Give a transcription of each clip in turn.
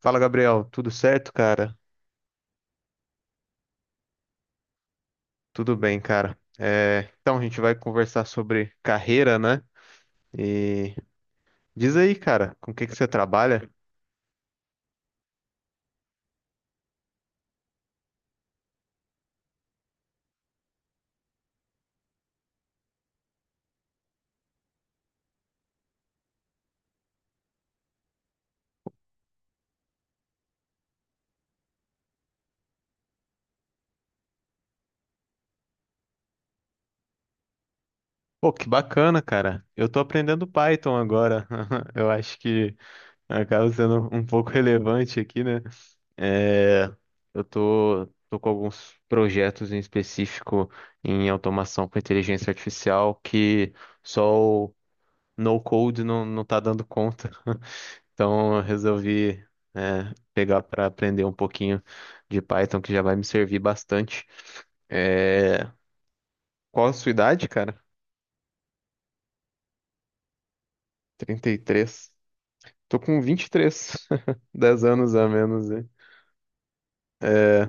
Fala, Gabriel. Tudo certo, cara? Tudo bem, cara. Então, a gente vai conversar sobre carreira, né? E diz aí, cara, com o que que você trabalha? Pô, que bacana, cara. Eu tô aprendendo Python agora. Eu acho que acaba sendo um pouco relevante aqui, né? É, eu tô com alguns projetos em específico em automação com inteligência artificial que só o no-code não tá dando conta. Então, eu resolvi, pegar para aprender um pouquinho de Python, que já vai me servir bastante. É, Qual a sua idade, cara? 33. Tô com 23, 10 anos a menos, hein? É,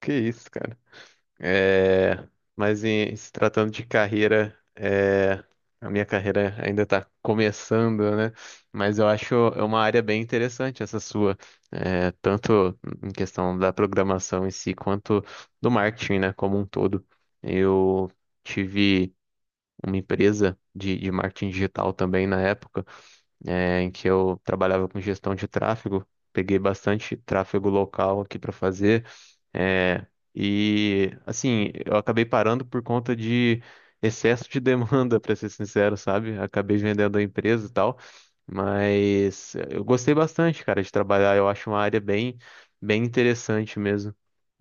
que isso, cara. É, mas se tratando de carreira, a minha carreira ainda está começando, né? Mas eu acho é uma área bem interessante essa sua, tanto em questão da programação em si, quanto do marketing, né, como um todo. Eu tive uma empresa de marketing digital também na época, em que eu trabalhava com gestão de tráfego. Peguei bastante tráfego local aqui para fazer. É, e assim, eu acabei parando por conta de excesso de demanda, para ser sincero, sabe? Acabei vendendo a empresa e tal, mas eu gostei bastante, cara, de trabalhar. Eu acho uma área bem interessante mesmo,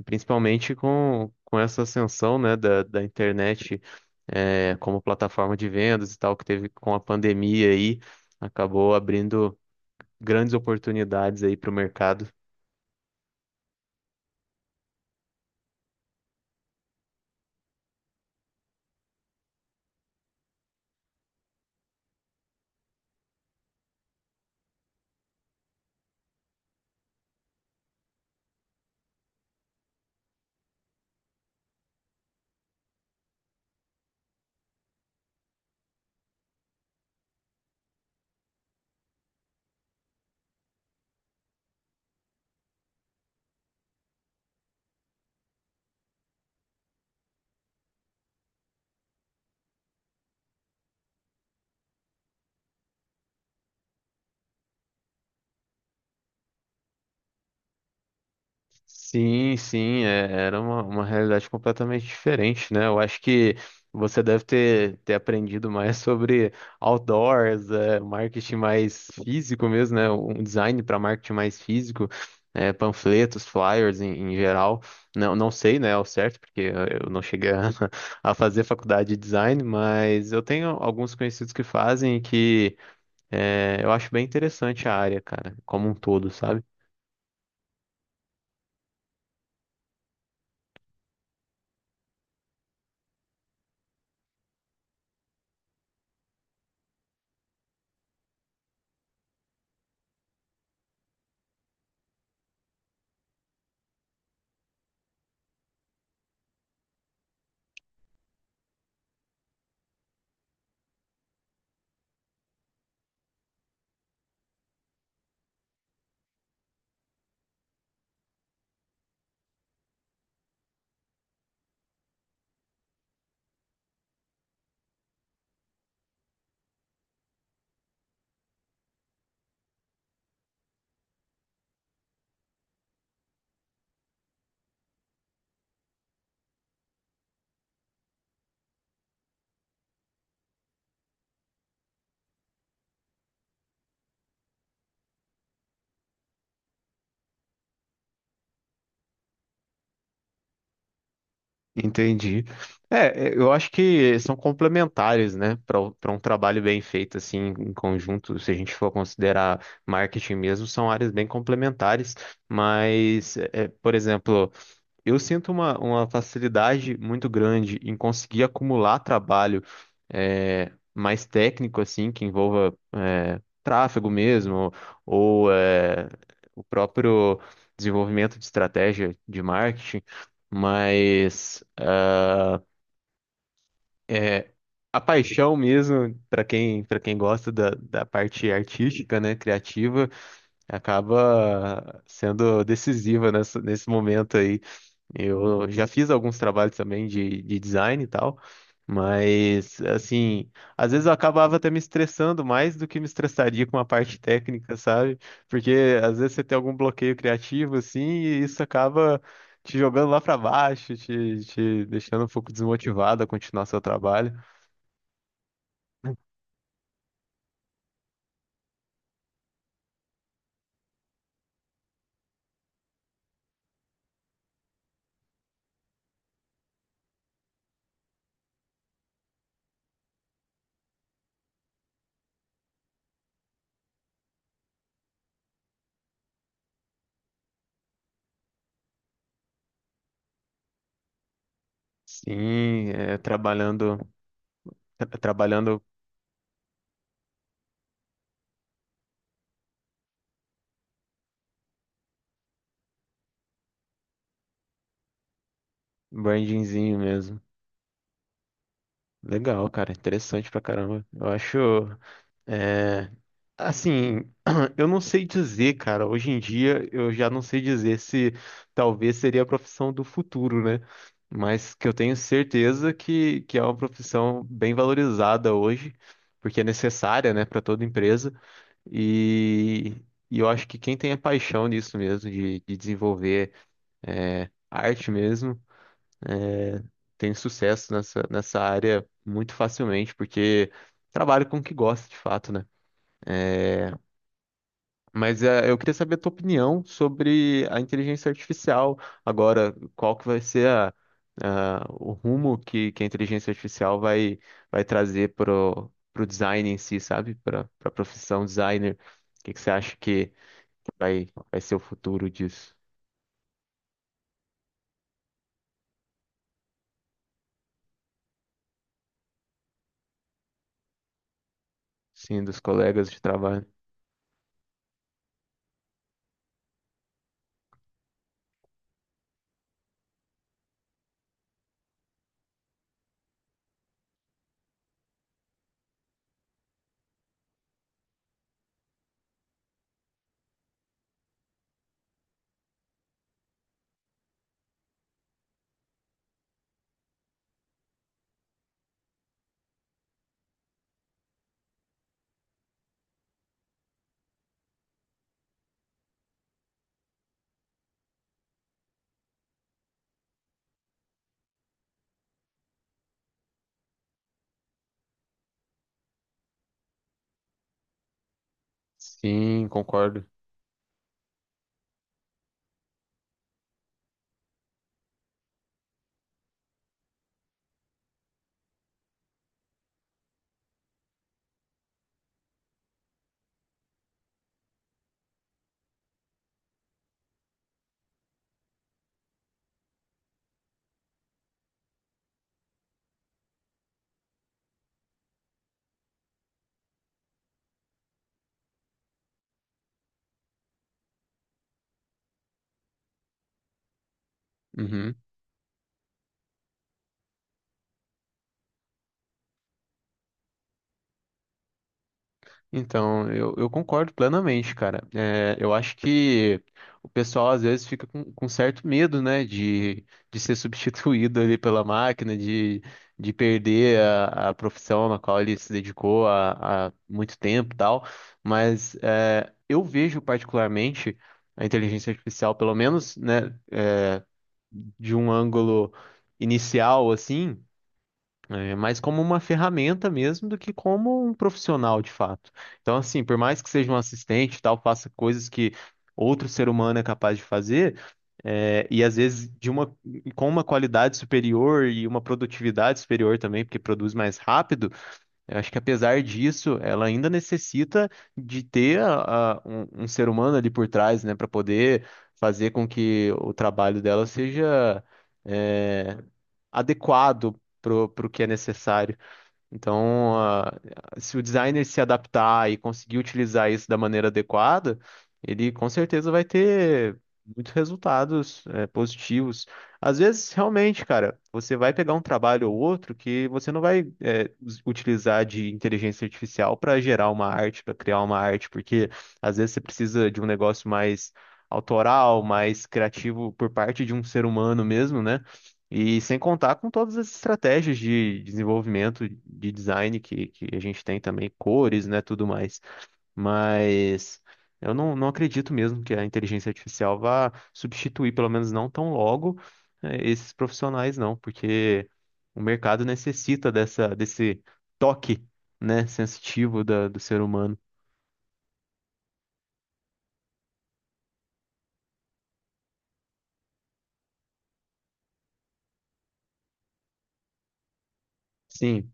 principalmente com essa ascensão, né, da internet, como plataforma de vendas e tal, que teve com a pandemia aí, acabou abrindo grandes oportunidades aí para o mercado. Sim, sim, era uma realidade completamente diferente, né? Eu acho que você deve ter aprendido mais sobre outdoors, é, marketing mais físico mesmo, né? Um design para marketing mais físico, panfletos, flyers em, em geral. Não sei, né, ao certo, porque eu não cheguei a fazer faculdade de design, mas eu tenho alguns conhecidos que fazem e que eu acho bem interessante a área, cara, como um todo, sabe? Entendi. Eu acho que são complementares, né, para para um trabalho bem feito assim em conjunto. Se a gente for considerar marketing mesmo, são áreas bem complementares. Mas, por exemplo, eu sinto uma facilidade muito grande em conseguir acumular trabalho mais técnico, assim, que envolva tráfego mesmo, ou o próprio desenvolvimento de estratégia de marketing, mas eh, a paixão mesmo, para quem gosta da parte artística, né, criativa, acaba sendo decisiva nesse momento aí. Eu já fiz alguns trabalhos também de design e tal, mas assim, às vezes eu acabava até me estressando mais do que me estressaria com a parte técnica, sabe? Porque às vezes você tem algum bloqueio criativo assim, e isso acaba te jogando lá para baixo, te deixando um pouco desmotivado a continuar seu trabalho. Sim, trabalhando brandingzinho mesmo. Legal, cara. Interessante pra caramba. Eu acho. É, assim, eu não sei dizer, cara. Hoje em dia, eu já não sei dizer se talvez seria a profissão do futuro, né? Mas que eu tenho certeza que é uma profissão bem valorizada hoje, porque é necessária, né, para toda empresa. E, e eu acho que quem tem a paixão nisso mesmo, de desenvolver arte mesmo tem sucesso nessa, nessa área muito facilmente, porque trabalha com o que gosta de fato, né? Mas eu queria saber a tua opinião sobre a inteligência artificial agora, qual que vai ser o rumo que a inteligência artificial vai trazer pro, pro design em si, sabe? Para a profissão designer. Que você acha que vai ser o futuro disso? Sim, dos colegas de trabalho. Sim, concordo. Uhum. Então, eu concordo plenamente, cara. É, eu acho que o pessoal às vezes fica com certo medo, né, de ser substituído ali pela máquina, de perder a profissão na qual ele se dedicou há muito tempo e tal. Mas é, eu vejo particularmente a inteligência artificial, pelo menos, né, de um ângulo inicial, assim. É mais como uma ferramenta mesmo do que como um profissional de fato. Então, assim, por mais que seja um assistente e tal, faça coisas que outro ser humano é capaz de fazer, e às vezes de uma, com uma qualidade superior e uma produtividade superior também, porque produz mais rápido, eu acho que apesar disso, ela ainda necessita de ter um ser humano ali por trás, né, para poder fazer com que o trabalho dela seja. é, adequado pro, pro que é necessário. Então, se o designer se adaptar e conseguir utilizar isso da maneira adequada, ele com certeza vai ter muitos resultados, positivos. Às vezes, realmente, cara, você vai pegar um trabalho ou outro que você não vai, utilizar de inteligência artificial para gerar uma arte, para criar uma arte, porque às vezes você precisa de um negócio mais autoral, mais criativo por parte de um ser humano mesmo, né? E sem contar com todas as estratégias de desenvolvimento, de design que a gente tem também, cores, né, tudo mais. Mas eu não acredito mesmo que a inteligência artificial vá substituir, pelo menos não tão logo, esses profissionais, não, porque o mercado necessita dessa, desse toque, né, sensitivo da, do ser humano. Sim,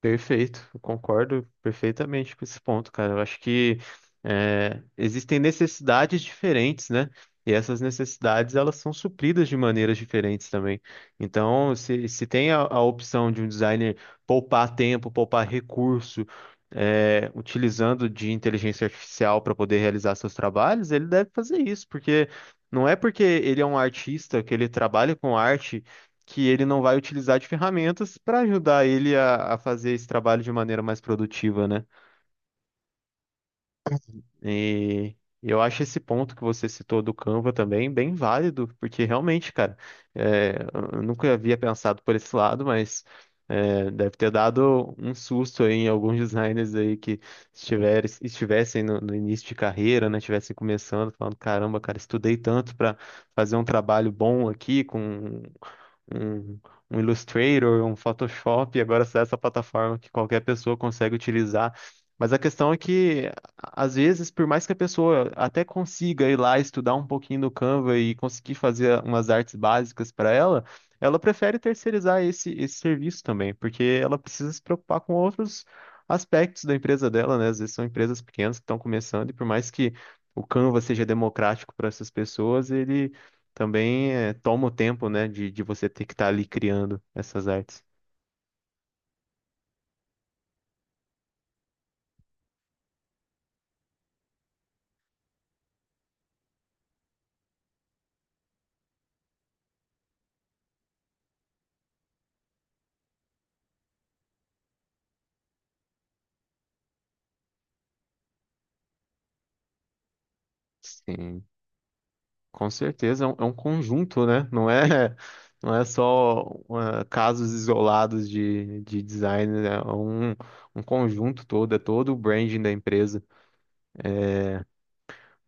Perfeito, eu concordo perfeitamente com esse ponto, cara. Eu acho que existem necessidades diferentes, né? E essas necessidades elas são supridas de maneiras diferentes também. Então, se tem a opção de um designer poupar tempo, poupar recurso, utilizando de inteligência artificial para poder realizar seus trabalhos, ele deve fazer isso, porque não é porque ele é um artista que ele trabalha com arte que ele não vai utilizar de ferramentas para ajudar ele a fazer esse trabalho de maneira mais produtiva, né? E eu acho esse ponto que você citou do Canva também bem válido, porque realmente, cara, é, eu nunca havia pensado por esse lado, mas deve ter dado um susto aí em alguns designers aí que estivessem no início de carreira, né? Estivessem começando, falando, caramba, cara, estudei tanto para fazer um trabalho bom aqui com um, um Illustrator, um Photoshop, e agora sai essa plataforma que qualquer pessoa consegue utilizar. Mas a questão é que, às vezes, por mais que a pessoa até consiga ir lá estudar um pouquinho no Canva e conseguir fazer umas artes básicas para ela, ela prefere terceirizar esse serviço também, porque ela precisa se preocupar com outros aspectos da empresa dela, né? Às vezes são empresas pequenas que estão começando, e por mais que o Canva seja democrático para essas pessoas, ele também é, toma o tempo, né, de você ter que estar ali criando essas artes. Sim, com certeza é um conjunto, né? Não é, não é só casos isolados de design, né? É um, um conjunto todo, é todo o branding da empresa.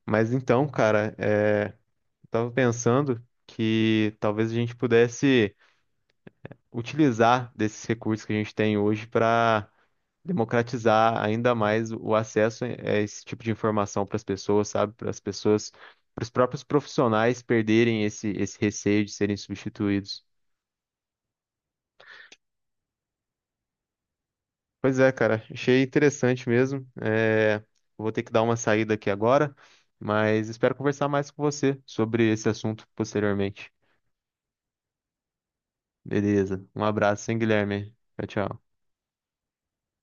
Mas então, cara, eu tava pensando que talvez a gente pudesse utilizar desses recursos que a gente tem hoje para democratizar ainda mais o acesso a esse tipo de informação para as pessoas, sabe? Para as pessoas, para os próprios profissionais perderem esse receio de serem substituídos. Pois é, cara, achei interessante mesmo. Vou ter que dar uma saída aqui agora, mas espero conversar mais com você sobre esse assunto posteriormente. Beleza, um abraço, hein, Guilherme? Tchau, tchau.